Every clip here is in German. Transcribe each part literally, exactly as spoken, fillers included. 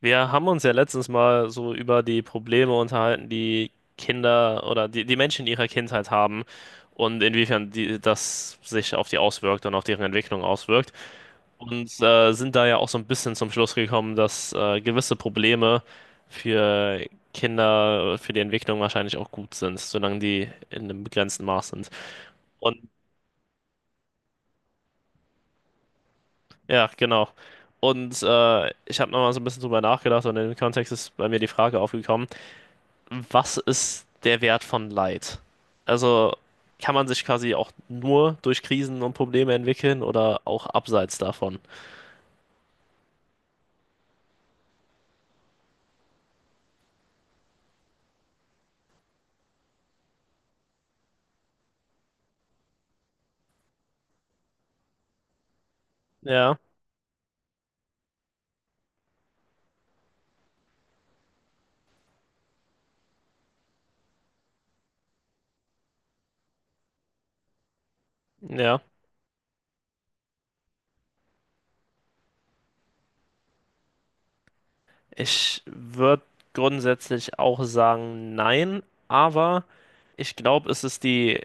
Wir haben uns ja letztens mal so über die Probleme unterhalten, die Kinder oder die, die Menschen in ihrer Kindheit haben und inwiefern die, das sich auf die auswirkt und auf deren Entwicklung auswirkt. Und äh, sind da ja auch so ein bisschen zum Schluss gekommen, dass äh, gewisse Probleme für Kinder, für die Entwicklung wahrscheinlich auch gut sind, solange die in einem begrenzten Maß sind. Und ja, genau. Und äh, ich habe nochmal so ein bisschen drüber nachgedacht und in dem Kontext ist bei mir die Frage aufgekommen, was ist der Wert von Leid? Also kann man sich quasi auch nur durch Krisen und Probleme entwickeln oder auch abseits davon? Ja, ja. Ich würde grundsätzlich auch sagen, nein, aber ich glaube, es ist die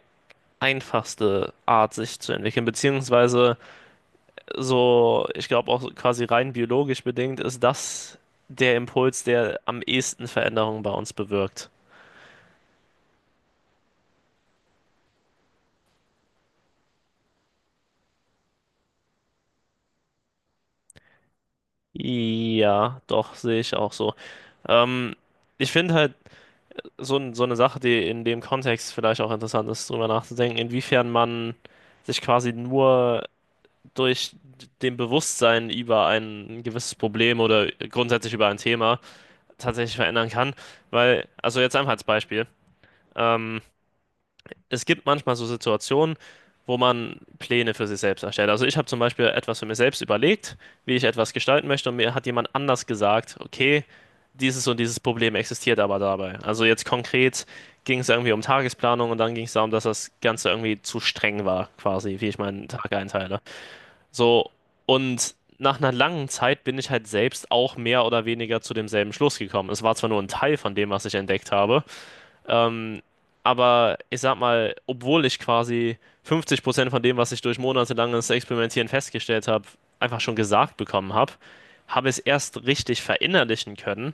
einfachste Art, sich zu entwickeln, beziehungsweise so, ich glaube auch quasi rein biologisch bedingt ist das der Impuls, der am ehesten Veränderungen bei uns bewirkt. Ja, doch, sehe ich auch so. Ähm, Ich finde halt so, n- so eine Sache, die in dem Kontext vielleicht auch interessant ist, drüber nachzudenken, inwiefern man sich quasi nur durch dem Bewusstsein über ein gewisses Problem oder grundsätzlich über ein Thema tatsächlich verändern kann. Weil, also jetzt einfach als Beispiel. Ähm, Es gibt manchmal so Situationen, wo man Pläne für sich selbst erstellt. Also ich habe zum Beispiel etwas für mich selbst überlegt, wie ich etwas gestalten möchte und mir hat jemand anders gesagt, okay, dieses und dieses Problem existiert aber dabei. Also jetzt konkret ging es irgendwie um Tagesplanung und dann ging es darum, dass das Ganze irgendwie zu streng war, quasi, wie ich meinen Tag einteile. So, und nach einer langen Zeit bin ich halt selbst auch mehr oder weniger zu demselben Schluss gekommen. Es war zwar nur ein Teil von dem, was ich entdeckt habe, ähm, aber ich sag mal, obwohl ich quasi fünfzig Prozent von dem, was ich durch monatelanges Experimentieren festgestellt habe, einfach schon gesagt bekommen habe, habe ich es erst richtig verinnerlichen können,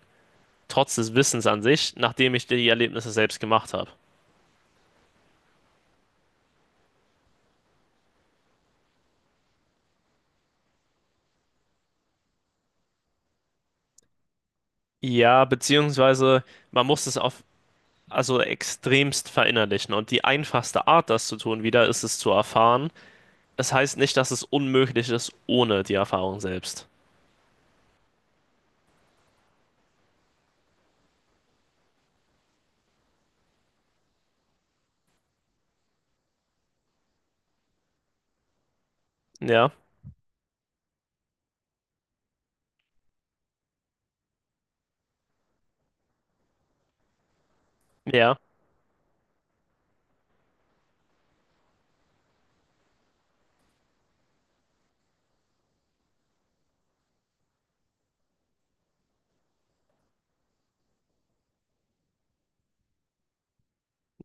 trotz des Wissens an sich, nachdem ich die Erlebnisse selbst gemacht habe. Ja, beziehungsweise man muss es auf also extremst verinnerlichen. Und die einfachste Art, das zu tun, wieder ist es zu erfahren. Das heißt nicht, dass es unmöglich ist ohne die Erfahrung selbst. Ja, ja,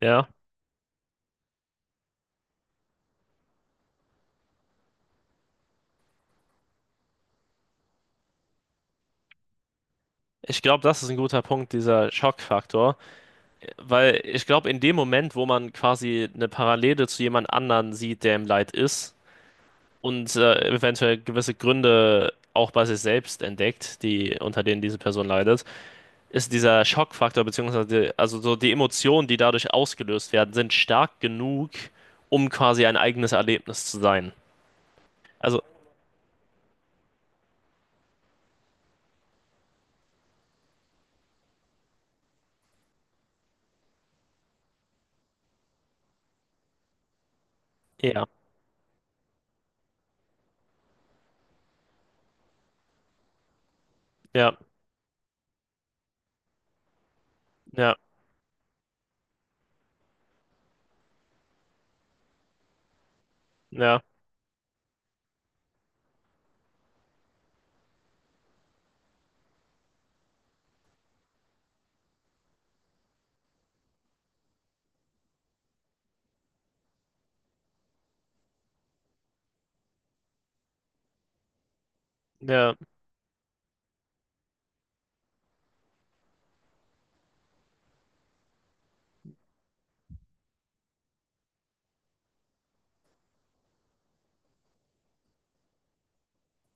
ja. Ich glaube, das ist ein guter Punkt, dieser Schockfaktor, weil ich glaube, in dem Moment, wo man quasi eine Parallele zu jemand anderen sieht, der im Leid ist und äh, eventuell gewisse Gründe auch bei sich selbst entdeckt, die unter denen diese Person leidet, ist dieser Schockfaktor beziehungsweise die, also so die Emotionen, die dadurch ausgelöst werden, sind stark genug, um quasi ein eigenes Erlebnis zu sein. Also ja, ja, ja, ja, ja.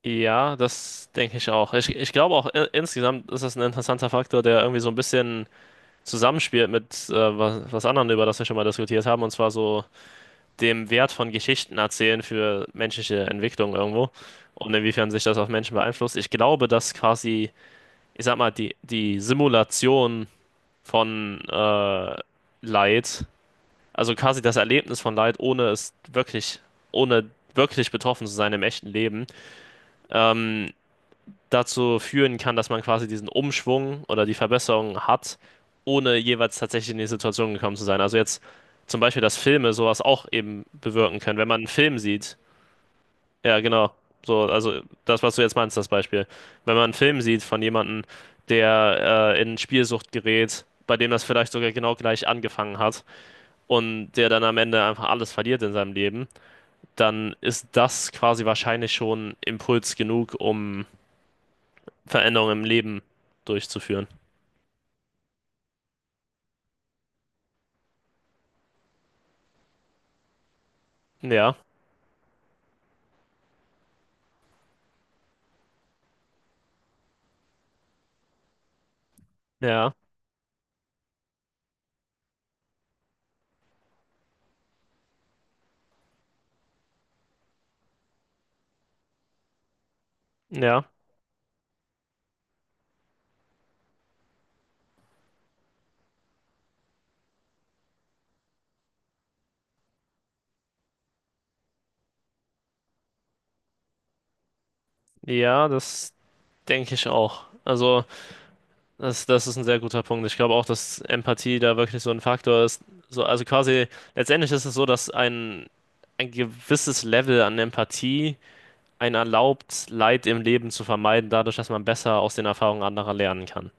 Ja, das denke ich auch. Ich, ich glaube auch i- insgesamt ist das ein interessanter Faktor, der irgendwie so ein bisschen zusammenspielt mit äh, was, was anderen, über das wir schon mal diskutiert haben, und zwar so dem Wert von Geschichten erzählen für menschliche Entwicklung irgendwo und inwiefern sich das auf Menschen beeinflusst. Ich glaube, dass quasi, ich sag mal, die, die Simulation von äh, Leid, also quasi das Erlebnis von Leid, ohne es wirklich, ohne wirklich betroffen zu sein im echten Leben, ähm, dazu führen kann, dass man quasi diesen Umschwung oder die Verbesserung hat, ohne jeweils tatsächlich in die Situation gekommen zu sein. Also jetzt zum Beispiel, dass Filme sowas auch eben bewirken können. Wenn man einen Film sieht, ja genau, so, also das, was du jetzt meinst, das Beispiel. Wenn man einen Film sieht von jemandem, der äh, in Spielsucht gerät, bei dem das vielleicht sogar genau gleich angefangen hat und der dann am Ende einfach alles verliert in seinem Leben, dann ist das quasi wahrscheinlich schon Impuls genug, um Veränderungen im Leben durchzuführen. Ja, ja, ja, ja, das denke ich auch. Also, das, das ist ein sehr guter Punkt. Ich glaube auch, dass Empathie da wirklich so ein Faktor ist. So, also quasi, letztendlich ist es so, dass ein, ein gewisses Level an Empathie einen erlaubt, Leid im Leben zu vermeiden, dadurch, dass man besser aus den Erfahrungen anderer lernen kann.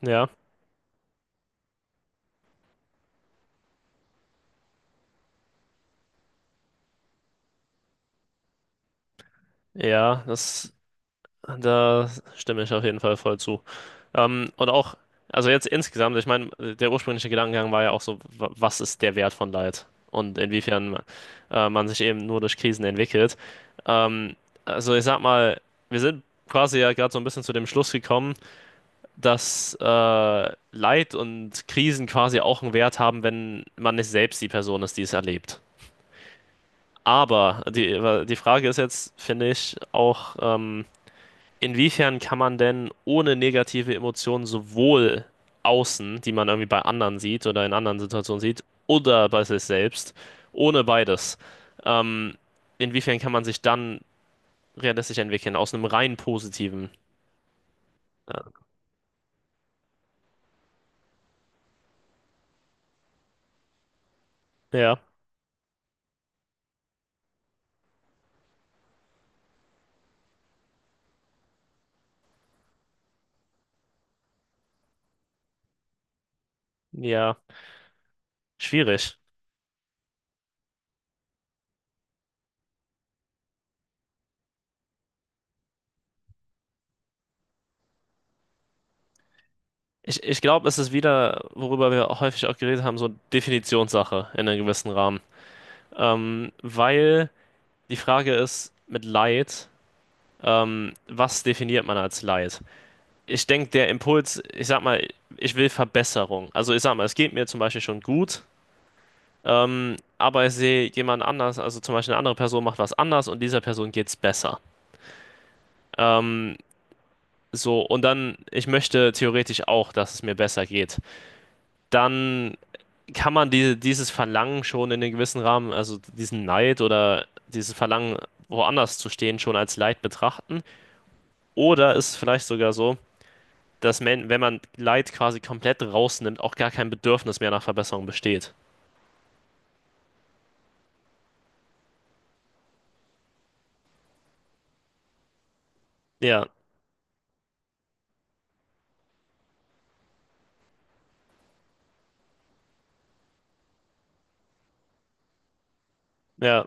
Ja, ja, das, da stimme ich auf jeden Fall voll zu. Ähm, und auch, also jetzt insgesamt, ich meine, der ursprüngliche Gedankengang war ja auch so, wa- was ist der Wert von Leid und inwiefern äh, man sich eben nur durch Krisen entwickelt. Ähm, also ich sag mal, wir sind quasi ja gerade so ein bisschen zu dem Schluss gekommen, dass äh, Leid und Krisen quasi auch einen Wert haben, wenn man nicht selbst die Person ist, die es erlebt. Aber die, die Frage ist jetzt, finde ich, auch, ähm, inwiefern kann man denn ohne negative Emotionen sowohl außen, die man irgendwie bei anderen sieht oder in anderen Situationen sieht, oder bei sich selbst, ohne beides, ähm, inwiefern kann man sich dann realistisch entwickeln aus einem rein positiven? Ja, ja, schwierig. Ich, ich glaube, es ist wieder, worüber wir auch häufig auch geredet haben, so Definitionssache in einem gewissen Rahmen. Ähm, weil die Frage ist, mit Leid, ähm, was definiert man als Leid? Ich denke, der Impuls, ich sag mal, ich will Verbesserung. Also ich sag mal, es geht mir zum Beispiel schon gut, ähm, aber ich sehe jemand anders, also zum Beispiel eine andere Person macht was anders und dieser Person geht's besser. Ähm, so, und dann, ich möchte theoretisch auch, dass es mir besser geht. Dann kann man diese, dieses Verlangen schon in einem gewissen Rahmen, also diesen Neid oder dieses Verlangen, woanders zu stehen, schon als Leid betrachten. Oder ist es vielleicht sogar so, dass man, wenn man Leid quasi komplett rausnimmt, auch gar kein Bedürfnis mehr nach Verbesserung besteht. Ja, ja,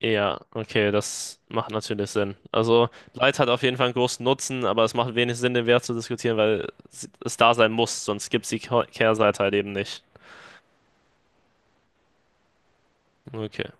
ja, okay, das macht natürlich Sinn. Also Leid hat auf jeden Fall einen großen Nutzen, aber es macht wenig Sinn, den Wert zu diskutieren, weil es es da sein muss, sonst gibt es die Kehr- Kehrseite halt eben nicht. Okay.